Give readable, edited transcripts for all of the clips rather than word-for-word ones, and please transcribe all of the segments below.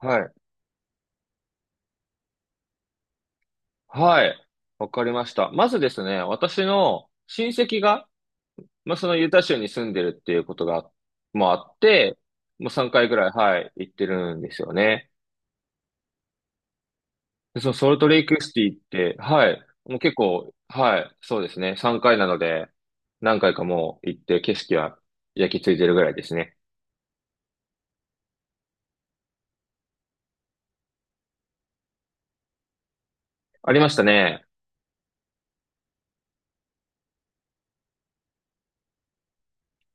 はい。はい。わかりました。まずですね、私の親戚が、まあ、そのユタ州に住んでるっていうことが、もあって、もう3回ぐらい、はい、行ってるんですよね。で、そのソルトレイクシティって、はい、もう結構、はい、そうですね、3回なので、何回かもう行って景色は焼き付いてるぐらいですね。ありましたね。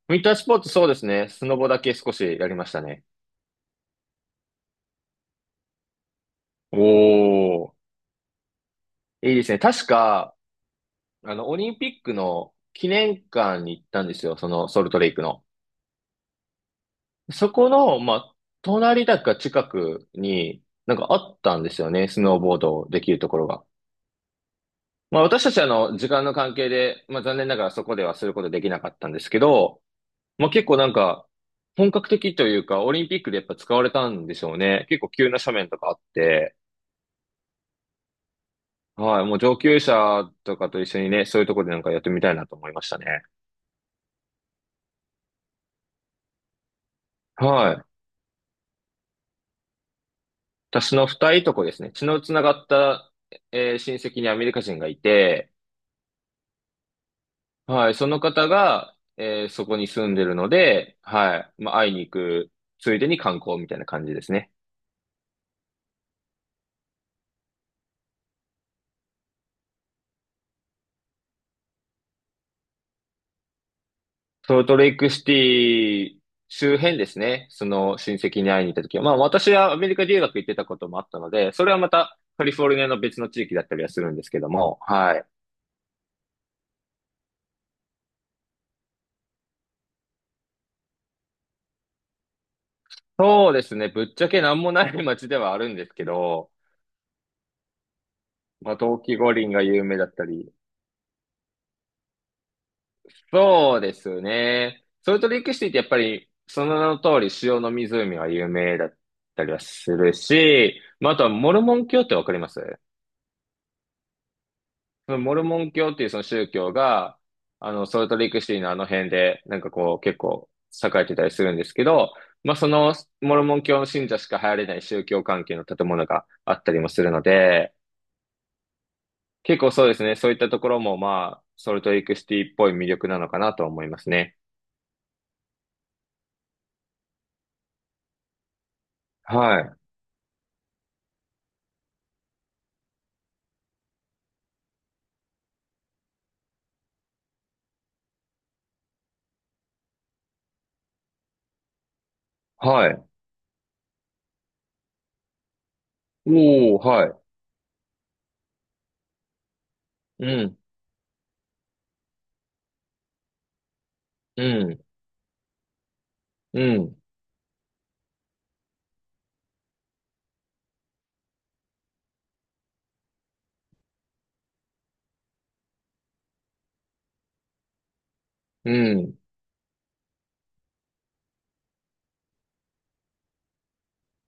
ウィンタースポーツそうですね、スノボだけ少しやりましたね。おー、いいですね。確か、あの、オリンピックの記念館に行ったんですよ、そのソルトレイクの。そこの、まあ、隣だか近くになんかあったんですよね、スノーボードできるところが。まあ、私たちあの、時間の関係で、まあ、残念ながらそこではすることできなかったんですけど、まあ、結構なんか、本格的というか、オリンピックでやっぱ使われたんでしょうね。結構急な斜面とかあって、はい、もう上級者とかと一緒にね、そういうところでなんかやってみたいなと思いましたね。はい。私の二いとこですね。血のつながった、親戚にアメリカ人がいて、はい、その方が、そこに住んでるので、はい、まあ、会いに行く、ついでに観光みたいな感じですね。ソルトレイクシティ周辺ですね。その親戚に会いに行った時は、まあ私はアメリカ留学行ってたこともあったので、それはまたカリフォルニアの別の地域だったりはするんですけども、はい。そうですね。ぶっちゃけ何もない街ではあるんですけど、まあ、冬季五輪が有名だったり、そうですね。ソルトレイクシティってやっぱり、その名の通り、塩の湖が有名だったりはするし、まあ、あとはモルモン教ってわかります？そのモルモン教っていうその宗教が、あの、ソルトレイクシティのあの辺で、なんかこう、結構栄えてたりするんですけど、まあ、そのモルモン教の信者しか入れない宗教関係の建物があったりもするので、結構そうですね、そういったところも、まあ、ソルトレイクシティっぽい魅力なのかなと思いますね。はい。はい。おー、はい。うん、うん、うん、うん。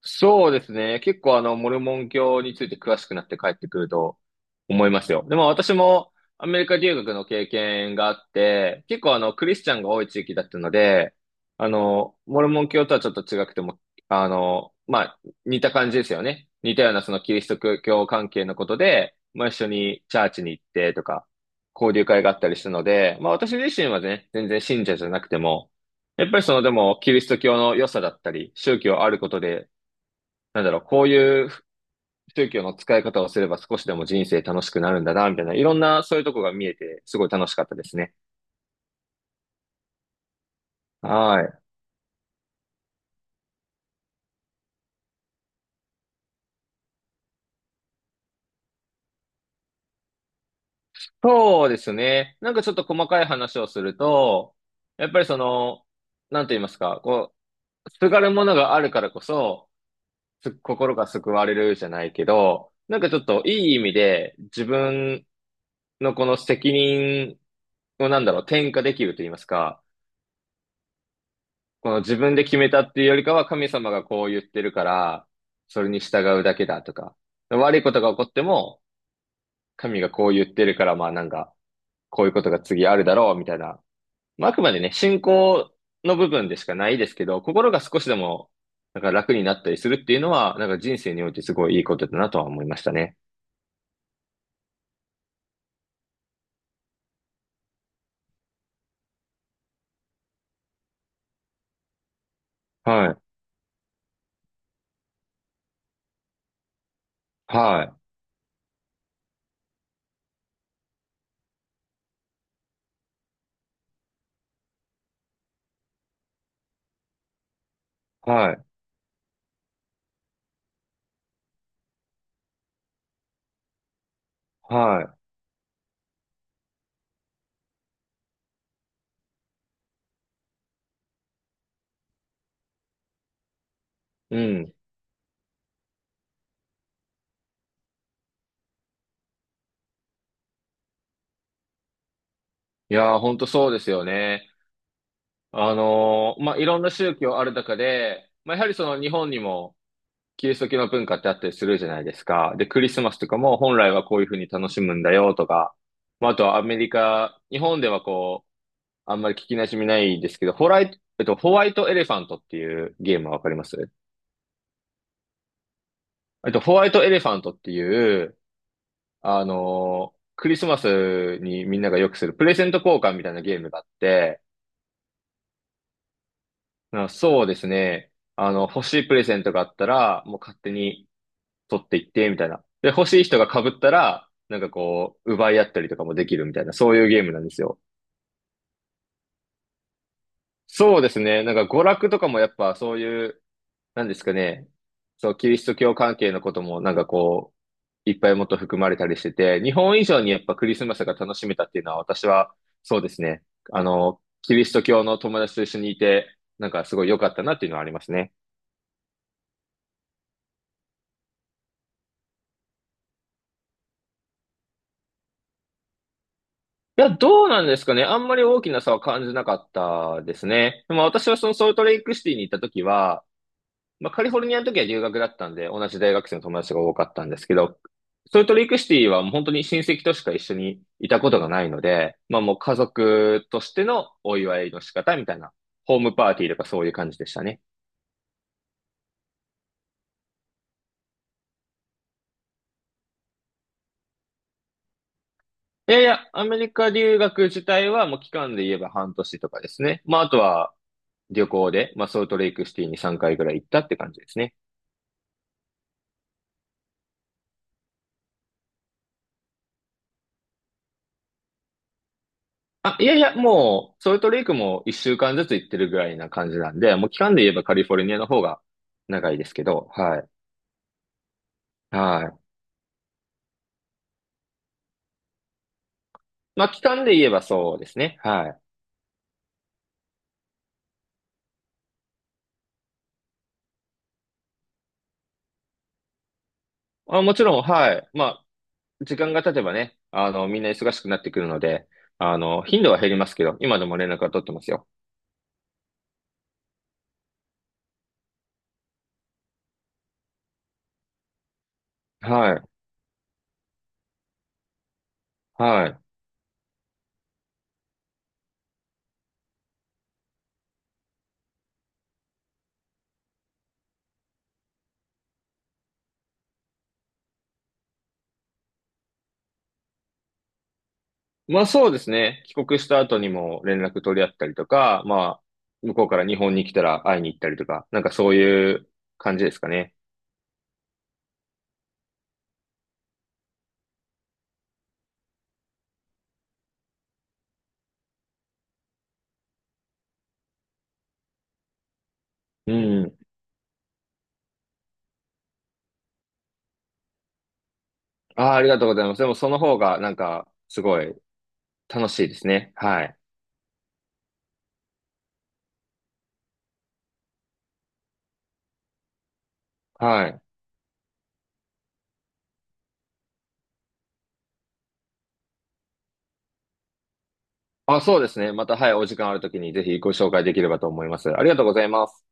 そうですね。結構あの、モルモン教について詳しくなって帰ってくると思いますよ。でも私もアメリカ留学の経験があって、結構あの、クリスチャンが多い地域だったので、あの、モルモン教とはちょっと違くても、あの、まあ、似た感じですよね。似たようなそのキリスト教関係のことで、まあ一緒にチャーチに行ってとか、交流会があったりしたので、まあ私自身はね、全然信者じゃなくても、やっぱりそのでも、キリスト教の良さだったり、宗教あることで、なんだろう、こういう宗教の使い方をすれば少しでも人生楽しくなるんだな、みたいな、いろんなそういうとこが見えて、すごい楽しかったですね。はい。そうですね。なんかちょっと細かい話をすると、やっぱりその、なんて言いますか、こう、すがるものがあるからこそ、心が救われるじゃないけど、なんかちょっといい意味で自分のこの責任をなんだろう、転嫁できると言いますか、この自分で決めたっていうよりかは神様がこう言ってるから、それに従うだけだとか、悪いことが起こっても、神がこう言ってるから、まあなんか、こういうことが次あるだろう、みたいな。まあ、あくまでね、信仰の部分でしかないですけど、心が少しでも、なんか楽になったりするっていうのは、なんか人生においてすごいいいことだなとは思いましたね。はい。はい。はい。はい。うん。いやー、ほんとそうですよね。まあ、いろんな宗教ある中で、まあ、やはりその日本にもキリスト教の文化ってあったりするじゃないですか。で、クリスマスとかも本来はこういうふうに楽しむんだよとか、まあ、あとはアメリカ、日本ではこう、あんまり聞き馴染みないですけど、ホライト、えっと、ホワイトエレファントっていうゲームはわかります？ホワイトエレファントっていう、クリスマスにみんながよくするプレゼント交換みたいなゲームがあって、あそうですね。あの、欲しいプレゼントがあったら、もう勝手に取っていって、みたいな。で、欲しい人が被ったら、なんかこう、奪い合ったりとかもできるみたいな、そういうゲームなんですよ。そうですね。なんか娯楽とかもやっぱそういう、なんですかね。そう、キリスト教関係のこともなんかこう、いっぱいもっと含まれたりしてて、日本以上にやっぱクリスマスが楽しめたっていうのは私は、そうですね。あの、キリスト教の友達と一緒にいて、なんかすごい良かったなっていうのはありますね。いや、どうなんですかね。あんまり大きな差は感じなかったですね。でも私はそのソルトレイクシティに行った時は、まあカリフォルニアの時は留学だったんで、同じ大学生の友達が多かったんですけど、ソルトレイクシティはもう本当に親戚としか一緒にいたことがないので、まあもう家族としてのお祝いの仕方みたいな、ホームパーティーとかそういう感じでしたね。いやいや、アメリカ留学自体はもう期間で言えば半年とかですね。まああとは旅行で、まあソルトレイクシティに3回ぐらい行ったって感じですね。あ、いやいや、もう、ソルトレイクも一週間ずつ行ってるぐらいな感じなんで、もう期間で言えばカリフォルニアの方が長いですけど、はい。はい。まあ、期間で言えばそうですね。はい。あ、もちろん、はい。まあ、時間が経てばね、あの、みんな忙しくなってくるので、あの、頻度は減りますけど、今でも連絡は取ってますよ。はい。はい。まあ、そうですね。帰国した後にも連絡取り合ったりとか、まあ、向こうから日本に来たら会いに行ったりとか、なんかそういう感じですかね。うん。ああ、ありがとうございます。でもその方がなんかすごい楽しいですね。はい。はい。あ、そうですね。また、はい、お時間あるときにぜひご紹介できればと思います。ありがとうございます。